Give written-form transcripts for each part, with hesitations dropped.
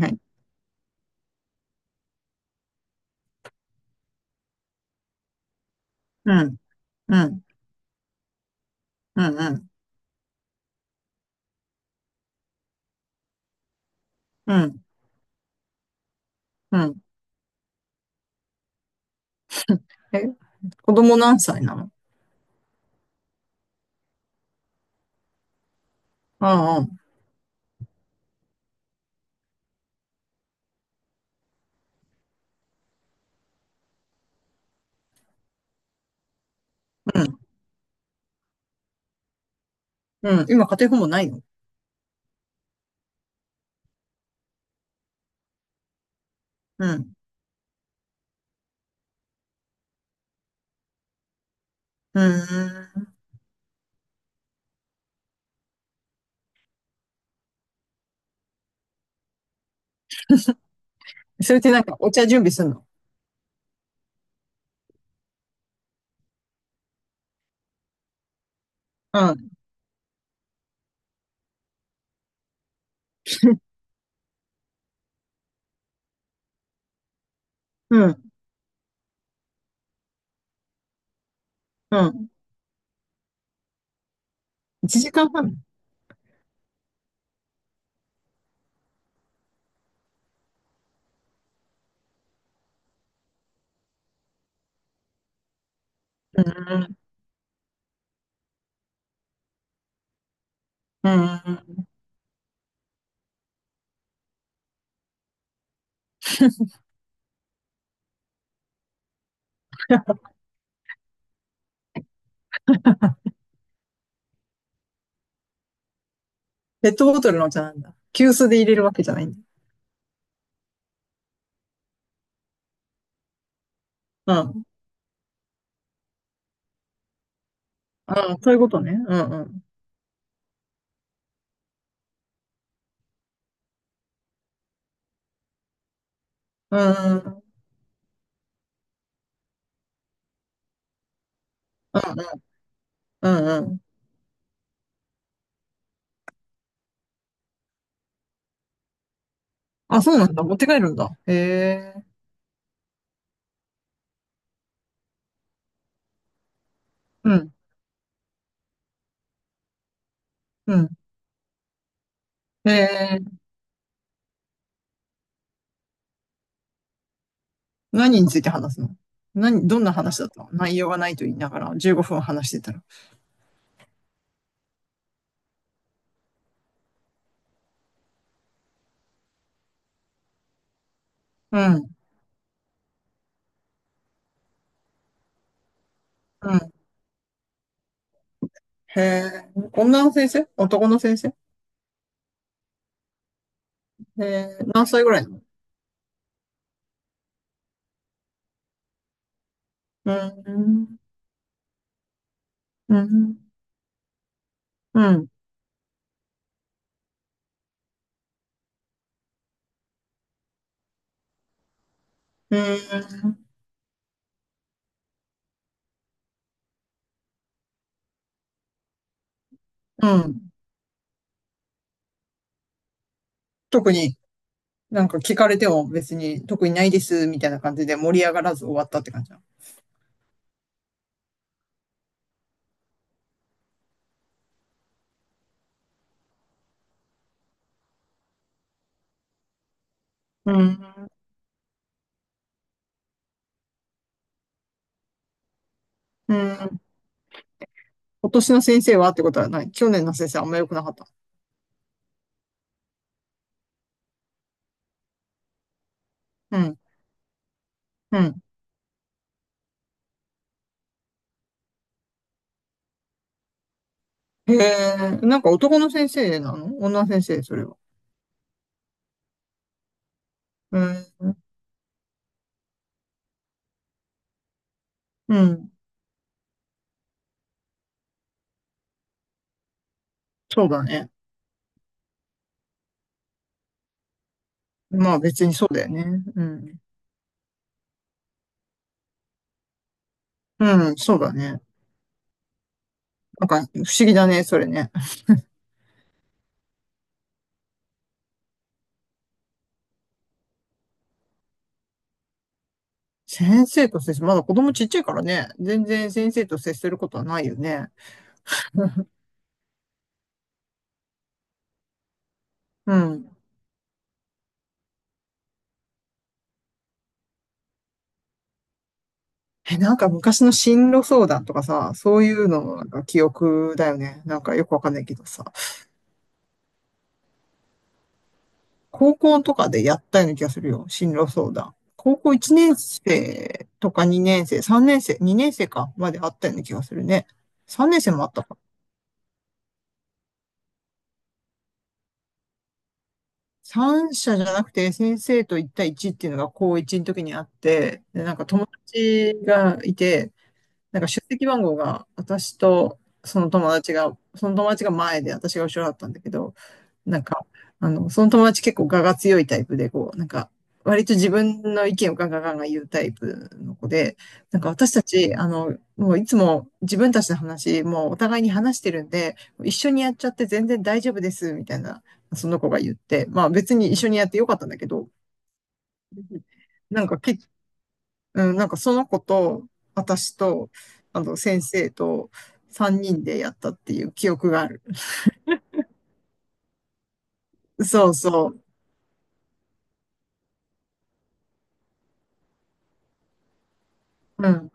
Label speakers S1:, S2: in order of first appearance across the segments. S1: はい。うん、うん、うん、うん、うん、うん。え、子供何歳なの？うん、うん、うん。うん。今、家庭訪問ないの？うん、うん。それってなんか、お茶準備するの？うん、うん、うん。1時間半？うん、うん。ペットボトルのお茶なんだ。急須で入れるわけじゃないんだ。うん、うん、そういうことね。うん、うん、うん、うん、うん、うん。あ、そうなんだ。持って帰るんだ。へえ。うん、うん。へえ。何について話すの？何、どんな話だったの？内容がないと言いながら15分話してたら。うん、うん。へえ。女の先生？男の先生？へえ。何歳ぐらいなの？うーん、うん、うん、うーん、うん。特に、なんか聞かれても別に特にないですみたいな感じで盛り上がらず終わったって感じなの？うん、うん。今年の先生はってことはない？去年の先生あんま良くなかった？うん、うん。へえ。なんか男の先生なの？女の先生？それは。うん。うん。そうだね。まあ別にそうだよね。うん。うん、そうだね。なんか不思議だね、それね。先生と接する。まだ子供ちっちゃいからね。全然先生と接することはないよね。うん。え、なんか昔の進路相談とかさ、そういうののなんか記憶だよね。なんかよくわかんないけどさ。高校とかでやったような気がするよ。進路相談。高校1年生とか2年生、3年生、2年生かまであったような気がするね。3年生もあったか。三者じゃなくて、先生と一対一っていうのが高一の時にあって、で、なんか友達がいて、なんか出席番号が私とその友達が前で私が後ろだったんだけど、なんか、その友達結構我が強いタイプで、こう、なんか、割と自分の意見をガンガンガンガン言うタイプの子で、なんか私たち、もういつも自分たちの話、もうお互いに話してるんで、一緒にやっちゃって全然大丈夫です、みたいな、その子が言って、まあ別に一緒にやってよかったんだけど、なんか結うん、なんかその子と、私と、先生と3人でやったっていう記憶がある。そうそう。うん。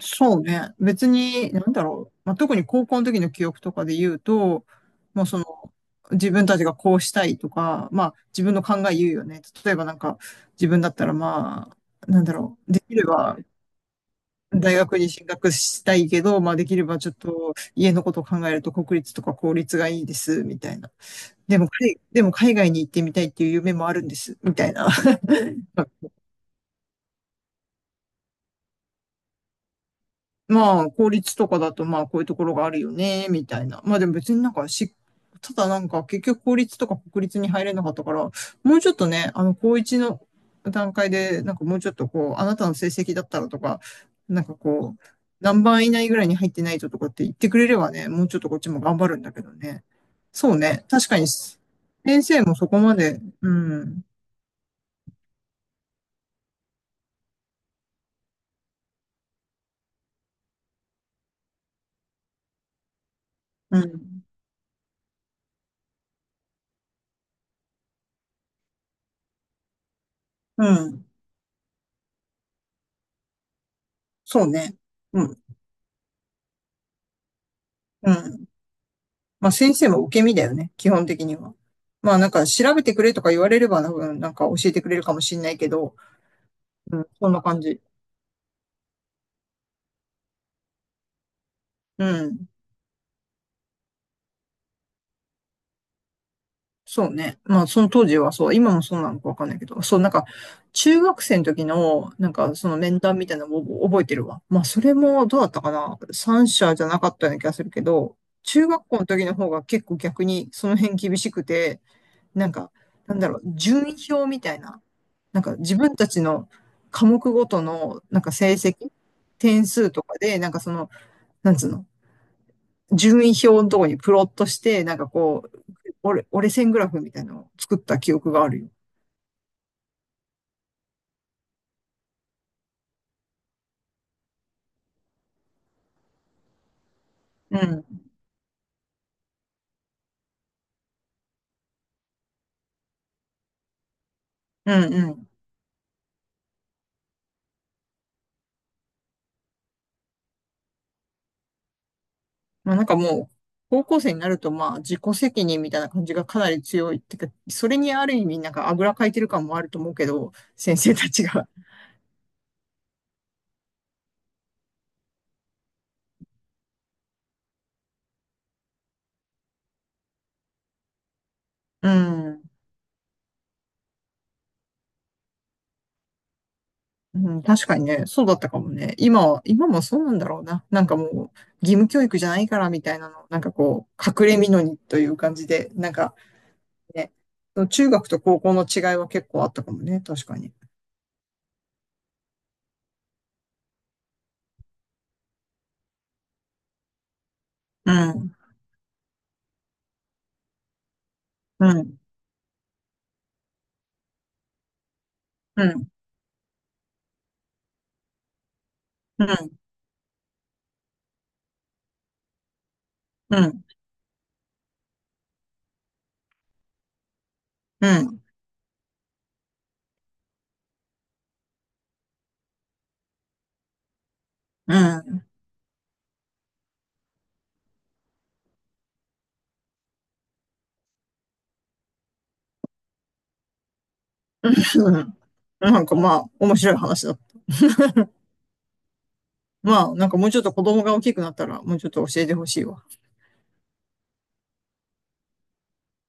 S1: そうね。別に、なんだろう。まあ、特に高校の時の記憶とかで言うと、もうその、自分たちがこうしたいとか、まあ、自分の考え言うよね。例えばなんか、自分だったらまあ、なんだろう。できれば、大学に進学したいけど、まあ、できればちょっと、家のことを考えると国立とか公立がいいです、みたいな。でも、海でも海外に行ってみたいっていう夢もあるんです、みたいな。まあ、公立とかだと、まあ、こういうところがあるよね、みたいな。まあ、でも別になんかし、ただなんか、結局公立とか国立に入れなかったから、もうちょっとね、高一の段階で、なんかもうちょっとこう、あなたの成績だったらとか、なんかこう、何番以内ぐらいに入ってないととかって言ってくれればね、もうちょっとこっちも頑張るんだけどね。そうね、確かに、先生もそこまで、うん、うん、うん。そうね。うん。うん。まあ先生も受け身だよね。基本的には。まあなんか調べてくれとか言われれば、なんか教えてくれるかもしれないけど、うん、そんな感じ。うん。そうね。まあその当時はそう、今もそうなのかわかんないけど、そうなんか中学生の時のなんかその面談みたいなのを覚えてるわ。まあそれもどうだったかな。三者じゃなかったような気がするけど、中学校の時の方が結構逆にその辺厳しくて、なんか、なんだろう、順位表みたいな。なんか自分たちの科目ごとの、なんか成績、点数とかで、なんかその、なんつうの、順位表のところにプロットして、なんかこう、折れ線グラフみたいなのを作った記憶があるよ。うん。うんうん。まあなんかもう、高校生になるとまあ自己責任みたいな感じがかなり強いってか、それにある意味なんかあぐらかいてる感もあると思うけど、先生たちが。うん。うん、確かにね、そうだったかもね。今は、今もそうなんだろうな。なんかもう、義務教育じゃないからみたいなの、なんかこう、隠れみのにという感じで、なんかね、その中学と高校の違いは結構あったかもね、確かに。うん、うん、うん、うん、うん、うん、うん、うん。なんかまあ、面白い話だった。まあ、なんかもうちょっと子供が大きくなったら、もうちょっと教えてほしいわ。